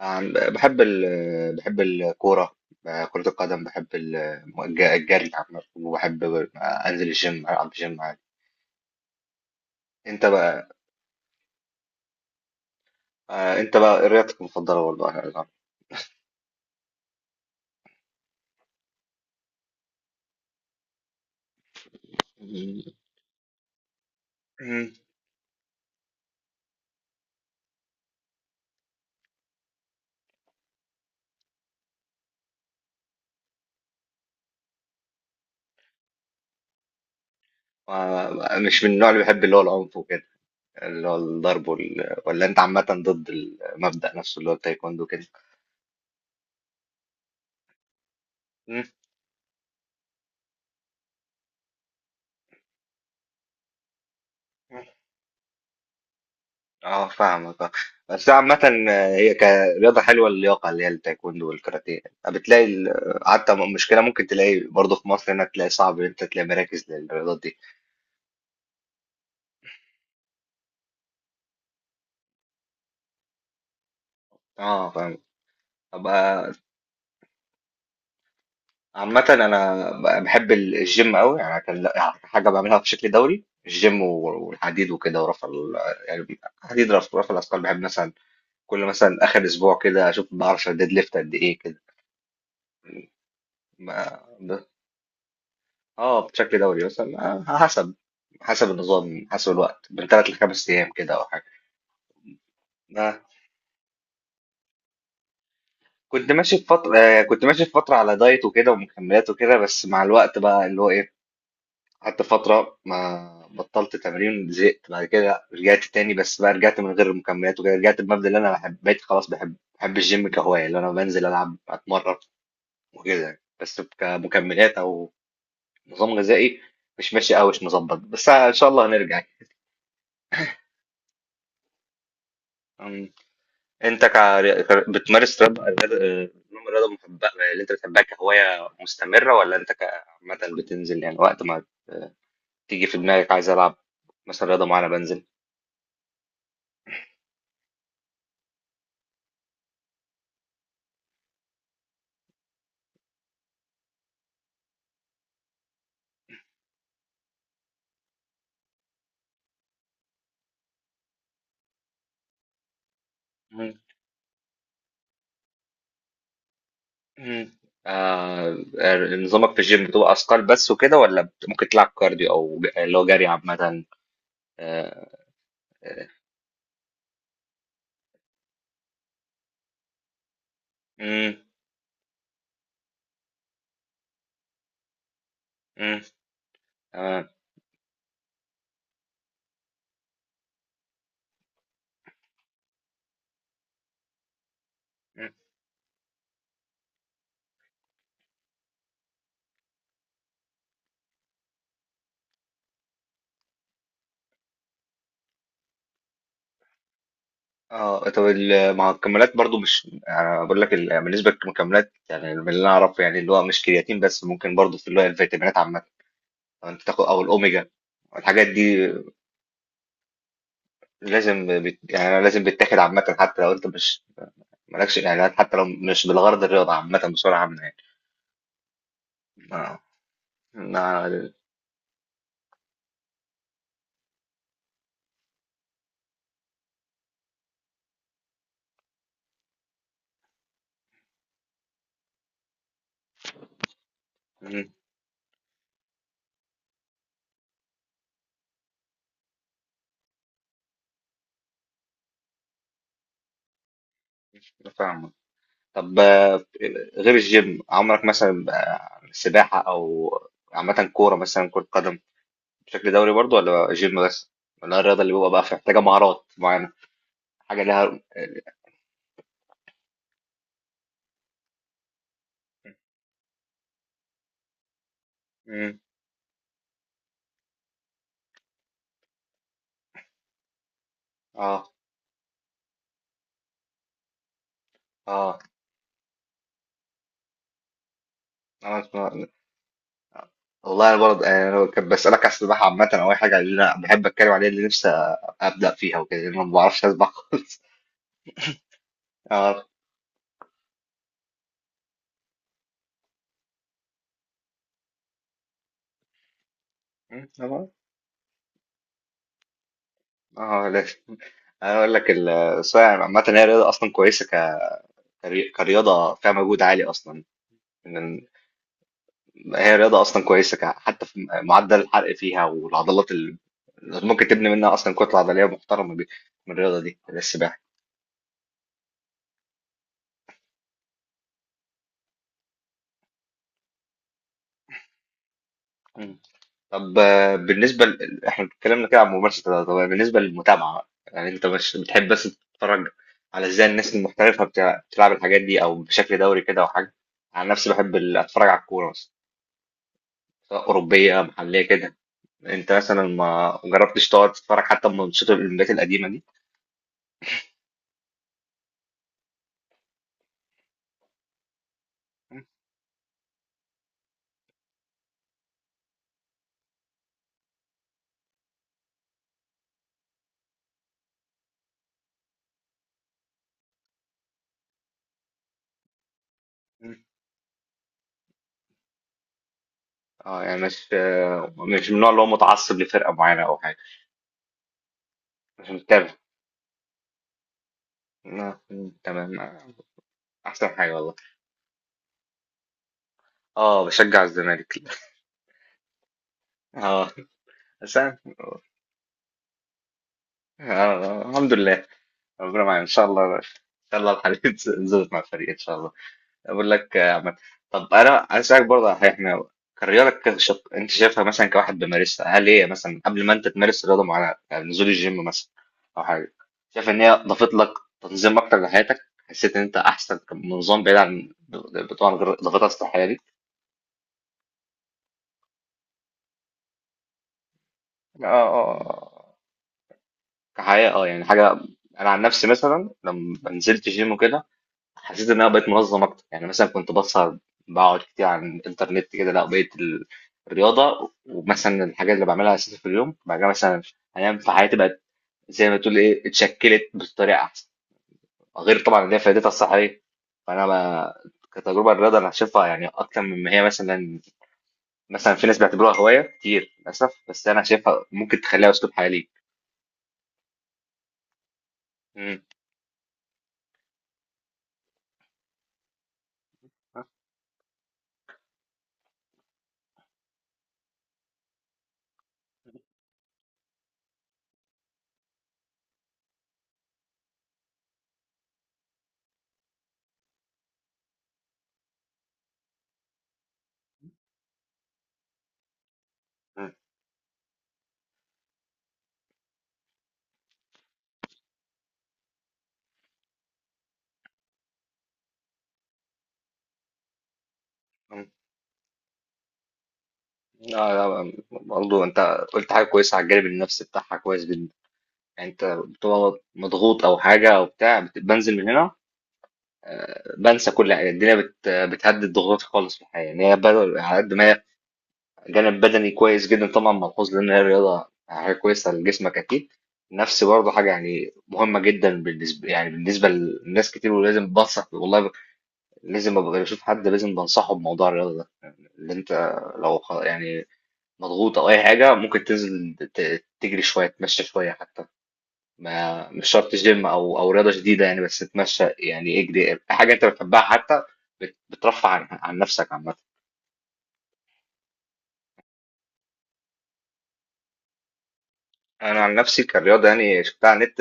بحب بحب الكورة. كرة القدم بحب الجري عامة، وبحب أنزل الجيم ألعب جيم عادي. أنت بقى؟ أنت بقى إيه رياضتك المفضلة برضه أنا أعرف. مم. مش من النوع اللي بيحب اللي هو العنف وكده، اللي هو الضرب ولا أنت عامة ضد المبدأ نفسه اللي هو التايكوندو كده؟ اه، فاهمك، اه. بس عامة، هي كرياضة حلوة، اللياقة اللي هي التايكوندو والكاراتيه. بتلاقي ال- حتى مشكلة ممكن تلاقي برضه في مصر، هنا تلاقي صعب ان انت تلاقي مراكز للرياضات دي. اه، فاهم. أبقى، عامة أنا بحب الجيم أوي يعني، كان حاجة بعملها بشكل دوري، الجيم والحديد وكده، ورفع يعني حديد، رفع الأثقال بحب. مثلا كل مثلا آخر أسبوع كده أشوف بعرف أشيل ديد ليفت قد إيه كده. اه، بشكل دوري مثلا. آه، حسب حسب النظام، حسب الوقت، من 3 لـ 5 ايام كده او حاجه. آه. كنت ماشي في فتره على دايت وكده ومكملات وكده. بس مع الوقت بقى اللي هو ايه، قعدت فتره ما بطلت تمرين، زهقت بعد كده رجعت تاني. بس بقى رجعت من غير المكملات وكده، رجعت بمبدأ اللي انا بحب، بقيت خلاص بحب الجيم كهوايه، اللي انا بنزل العب اتمرن وكده يعني. بس كمكملات او نظام غذائي، مش ماشي قوي، مش مظبط، بس ان شاء الله هنرجع يعني. أمم. انت بتمارس نوع من الرياضه، محبه اللي انت بتحبها كهوايه مستمره، ولا انت عامه بتنزل يعني وقت ما تيجي في دماغك عايز العب مثلا رياضه معينه بنزل؟ مم. مم. آه. نظامك في الجيم بتبقى اثقال بس وكده، ولا ممكن تلعب كارديو، او اللي هو جري عامه؟ آه، آه. مم. مم. تمام. مم. اه، طب مع المكملات برضو، مش يعني انا بقول لك، بالنسبه للمكملات، يعني من اللي انا اعرفه، يعني اللي هو مش كرياتين بس، ممكن برضو في اللي هو الفيتامينات عامه انت تاخد، او الاوميجا، الحاجات دي. لازم يعني أنا لازم بتاخد عامه، حتى لو انت مش مالكش يعني، حتى لو مش بالغرض، الرياضه عامه بصوره عامه يعني. ما... ما... مم، فاهمك. طب غير الجيم، عمرك مثلا سباحه او عامه كوره، مثلا كره قدم بشكل دوري برضو، ولا جيم بس، ولا الرياضه اللي بيبقى بقى محتاجه مهارات معينه، حاجه لها؟ مم، اه، اه. والله انا برضه يعني، انا كنت بسالك على السباحه عامه او اي حاجه اللي انا بحب اتكلم عليها، اللي نفسي ابدا فيها وكده، لان أنا ما بعرفش اسبح خالص. اه، اه. آه، لا، انا اقول لك السباحه عامه هي رياضه اصلا كويسه، كرياضه فيها مجهود عالي اصلا. إن- هي رياضه اصلا كويسه حتى في معدل الحرق فيها، والعضلات اللي ممكن تبني منها اصلا كتله عضليه محترمه، من الرياضه دي السباحه. طب احنا اتكلمنا كده عن ممارسة الرياضة، طب بالنسبة للمتابعة بقى، يعني انت مش بتحب بس تتفرج على ازاي الناس المحترفة بتلعب الحاجات دي، او بشكل دوري كده، او حاجة؟ عن نفسي بحب اتفرج على الكورة مثلا، سواء أوروبية محلية كده. انت مثلا ما جربتش تقعد تتفرج حتى من ماتشات الاولمبيات القديمة دي؟ مم. مم. اه، يعني مش، مش من النوع اللي هو متعصب لفرقة معينة او حاجة. مش متابع. مم، تمام. احسن حاجة والله. اه، بشجع الزمالك. اه، بس أنا. الحمد لله، ربنا معانا ان شاء الله، ان شاء الله الحلقه تظبط مع الفريق ان شاء الله. اقول لك يا عماد، طب انا عايز اسالك برضه على حاجة. احنا، انت شايفها مثلا كواحد بيمارسها، هل هي مثلا قبل ما انت تمارس رياضه معينه، يعني نزول الجيم مثلا او حاجه، شايف ان هي ضافت لك تنظيم اكتر لحياتك؟ حسيت ان انت احسن نظام، بعيد عن، طبعا غير ضافتها اصل الحياه دي؟ اه، آه. كحياه، اه يعني حاجه. انا عن نفسي مثلا لما نزلت جيم وكده، حسيت ان انا بقيت منظم اكتر. يعني مثلا كنت بسهر، بقعد كتير على الانترنت كده، لا بقيت الرياضه ومثلا الحاجات اللي بعملها اساسا في اليوم، بعد كده مثلا انام. في حياتي بقت زي ما تقول ايه، اتشكلت بطريقه احسن، غير طبعا اللي هي فائدتها الصحيه. فانا بقى، كتجربه الرياضه انا شايفها يعني اكتر مما هي مثلا في ناس بيعتبروها هوايه كتير للاسف، بس انا شايفها ممكن تخليها اسلوب حياه ليك. مم. مم. مم. لا، لا، برضه انت قلت حاجه كويسه، على الجانب النفسي بتاعها كويس جدا. يعني انت بتبقى مضغوط او حاجه او بتاع، بنزل من هنا بنسى كل حاجه، الدنيا بتهدد ضغوطي خالص في الحياه. يعني هي بدل على قد ما هي، جانب بدني كويس جدا طبعا ملحوظ، لان هي رياضه حاجه كويسه لجسمك اكيد. نفسي برضه حاجه يعني مهمه جدا بالنسبه، يعني بالنسبه لناس كتير. ولازم بنصح والله، لازم ابقى بشوف حد لازم بنصحه بموضوع الرياضه ده. يعني اللي انت لو يعني مضغوط او اي حاجه، ممكن تنزل تجري شويه، تتمشى شويه حتى، ما مش شرط جيم او رياضه شديده يعني، بس تتمشى، يعني اجري حاجه انت بتحبها حتى، بترفع عن، عن نفسك عامه. انا عن نفسي كرياضه، يعني شفتها على النت،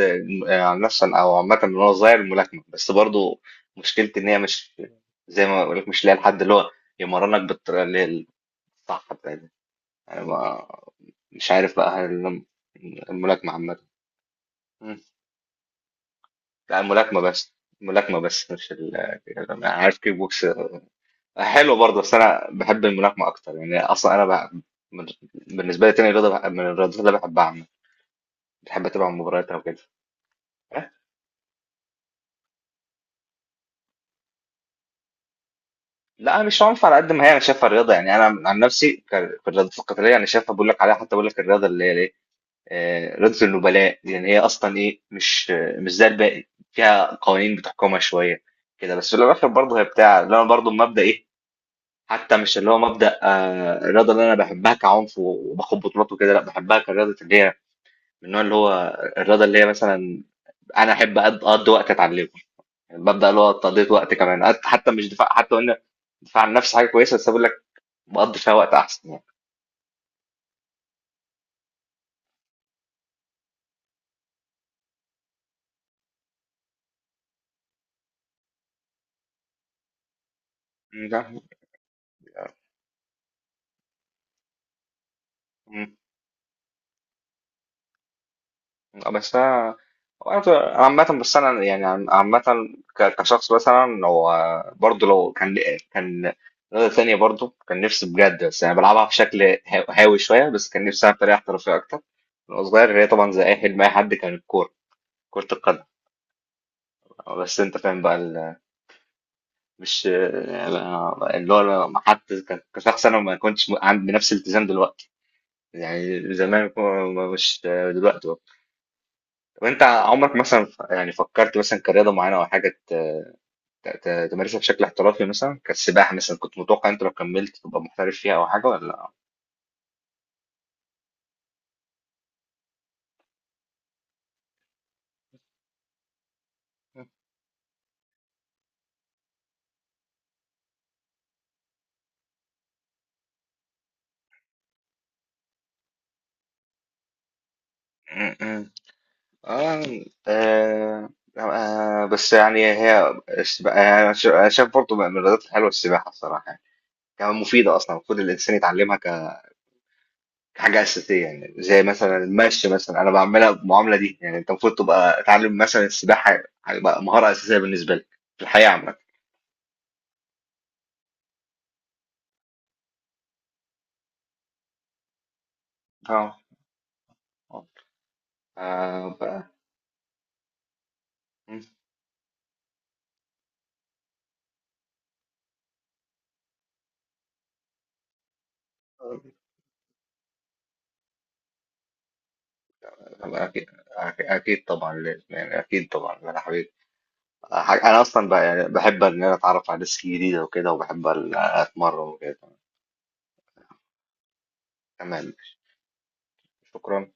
عن نفسي او عامه من وانا صغير، الملاكمه. بس برضو مشكلتي ان هي مش، زي ما بقول لك مش لاقي الحد اللي هو يمرنك بالطريقه اللي هي الصح بتاعتها. انا ما- مش عارف بقى هل الملاكمه عامه. لا، الملاكمة بس، مش يعني أنا عارف كيك بوكس حلو برضه، بس أنا بحب الملاكمة أكتر. يعني أصلا أنا من- بالنسبة لي تاني رياضة من الرياضات اللي بحبها عامة، بحب أتابع المباريات أو كده. أه؟ لا، مش عنف على قد ما هي، أنا شايفها الرياضة، يعني أنا عن نفسي في الرياضات القتالية. أنا شايفها، بقول لك عليها، حتى بقول لك الرياضة اللي هي إيه، رياضة النبلاء. يعني هي أصلا إيه، مش زي الباقي، فيها قوانين بتحكمها شوية كده. بس في الآخر برضه هي بتاع، اللي أنا برضه المبدأ إيه، حتى مش اللي هو مبدأ، الرياضة اللي أنا بحبها كعنف وباخد بطولات وكده، لأ بحبها كرياضة اللي هي من النوع اللي هو الرياضة اللي هي مثلا، أنا أحب أقضي وقت أتعلمه، مبدأ اللي هو تقضية وقت كمان. حتى مش دفاع، حتى قلنا دفاع عن النفس حاجة كويسة، بس بقول لك بقضي فيها وقت أحسن يعني. ده- مم. بس انا، أنا عامة، بس انا يعني عامة، كشخص مثلا هو، برضه لو كان كان رياضة تانية برضه كان نفسي بجد، بس انا بلعبها بشكل هاوي شوية. بس كان نفسي ألعب بطريقة احترافية اكتر وانا صغير، اللي هي طبعا زي اي حلم اي حد، كان الكورة، كرة القدم. بس انت فاهم بقى مش يعني، اللي هو ما حد. كشخص انا ما كنتش عندي نفس الالتزام دلوقتي. يعني زمان مش دلوقتي برضه. طب انت عمرك مثلا يعني فكرت مثلا كرياضة معينة او حاجة تمارسها بشكل احترافي، مثلا كالسباحة؟ مثلا كنت متوقع انت لو كملت تبقى محترف فيها او حاجة، ولا؟ م- م. آه، آه آه، بس يعني هي السباحة يعني، أنا أنا شايف برضه من الرياضات الحلوة السباحة الصراحة، يعني كمان مفيدة. أصلا المفروض الإنسان يتعلمها كحاجة أساسية، يعني زي مثلا المشي مثلا، أنا بعملها بالمعاملة دي. يعني أنت المفروض تبقى تعلم مثلا السباحة، هيبقى مهارة أساسية بالنسبة لك في الحياة عامة. اه، بقى. م. أنا أكيد، أكيد طبعا لازم، يعني أكيد طبعا أنا حبيبي. أنا أصلا بقى يعني بحب إن أنا أتعرف على ناس جديدة وكده، وبحب أتمرن وكده. تمام. شكرا.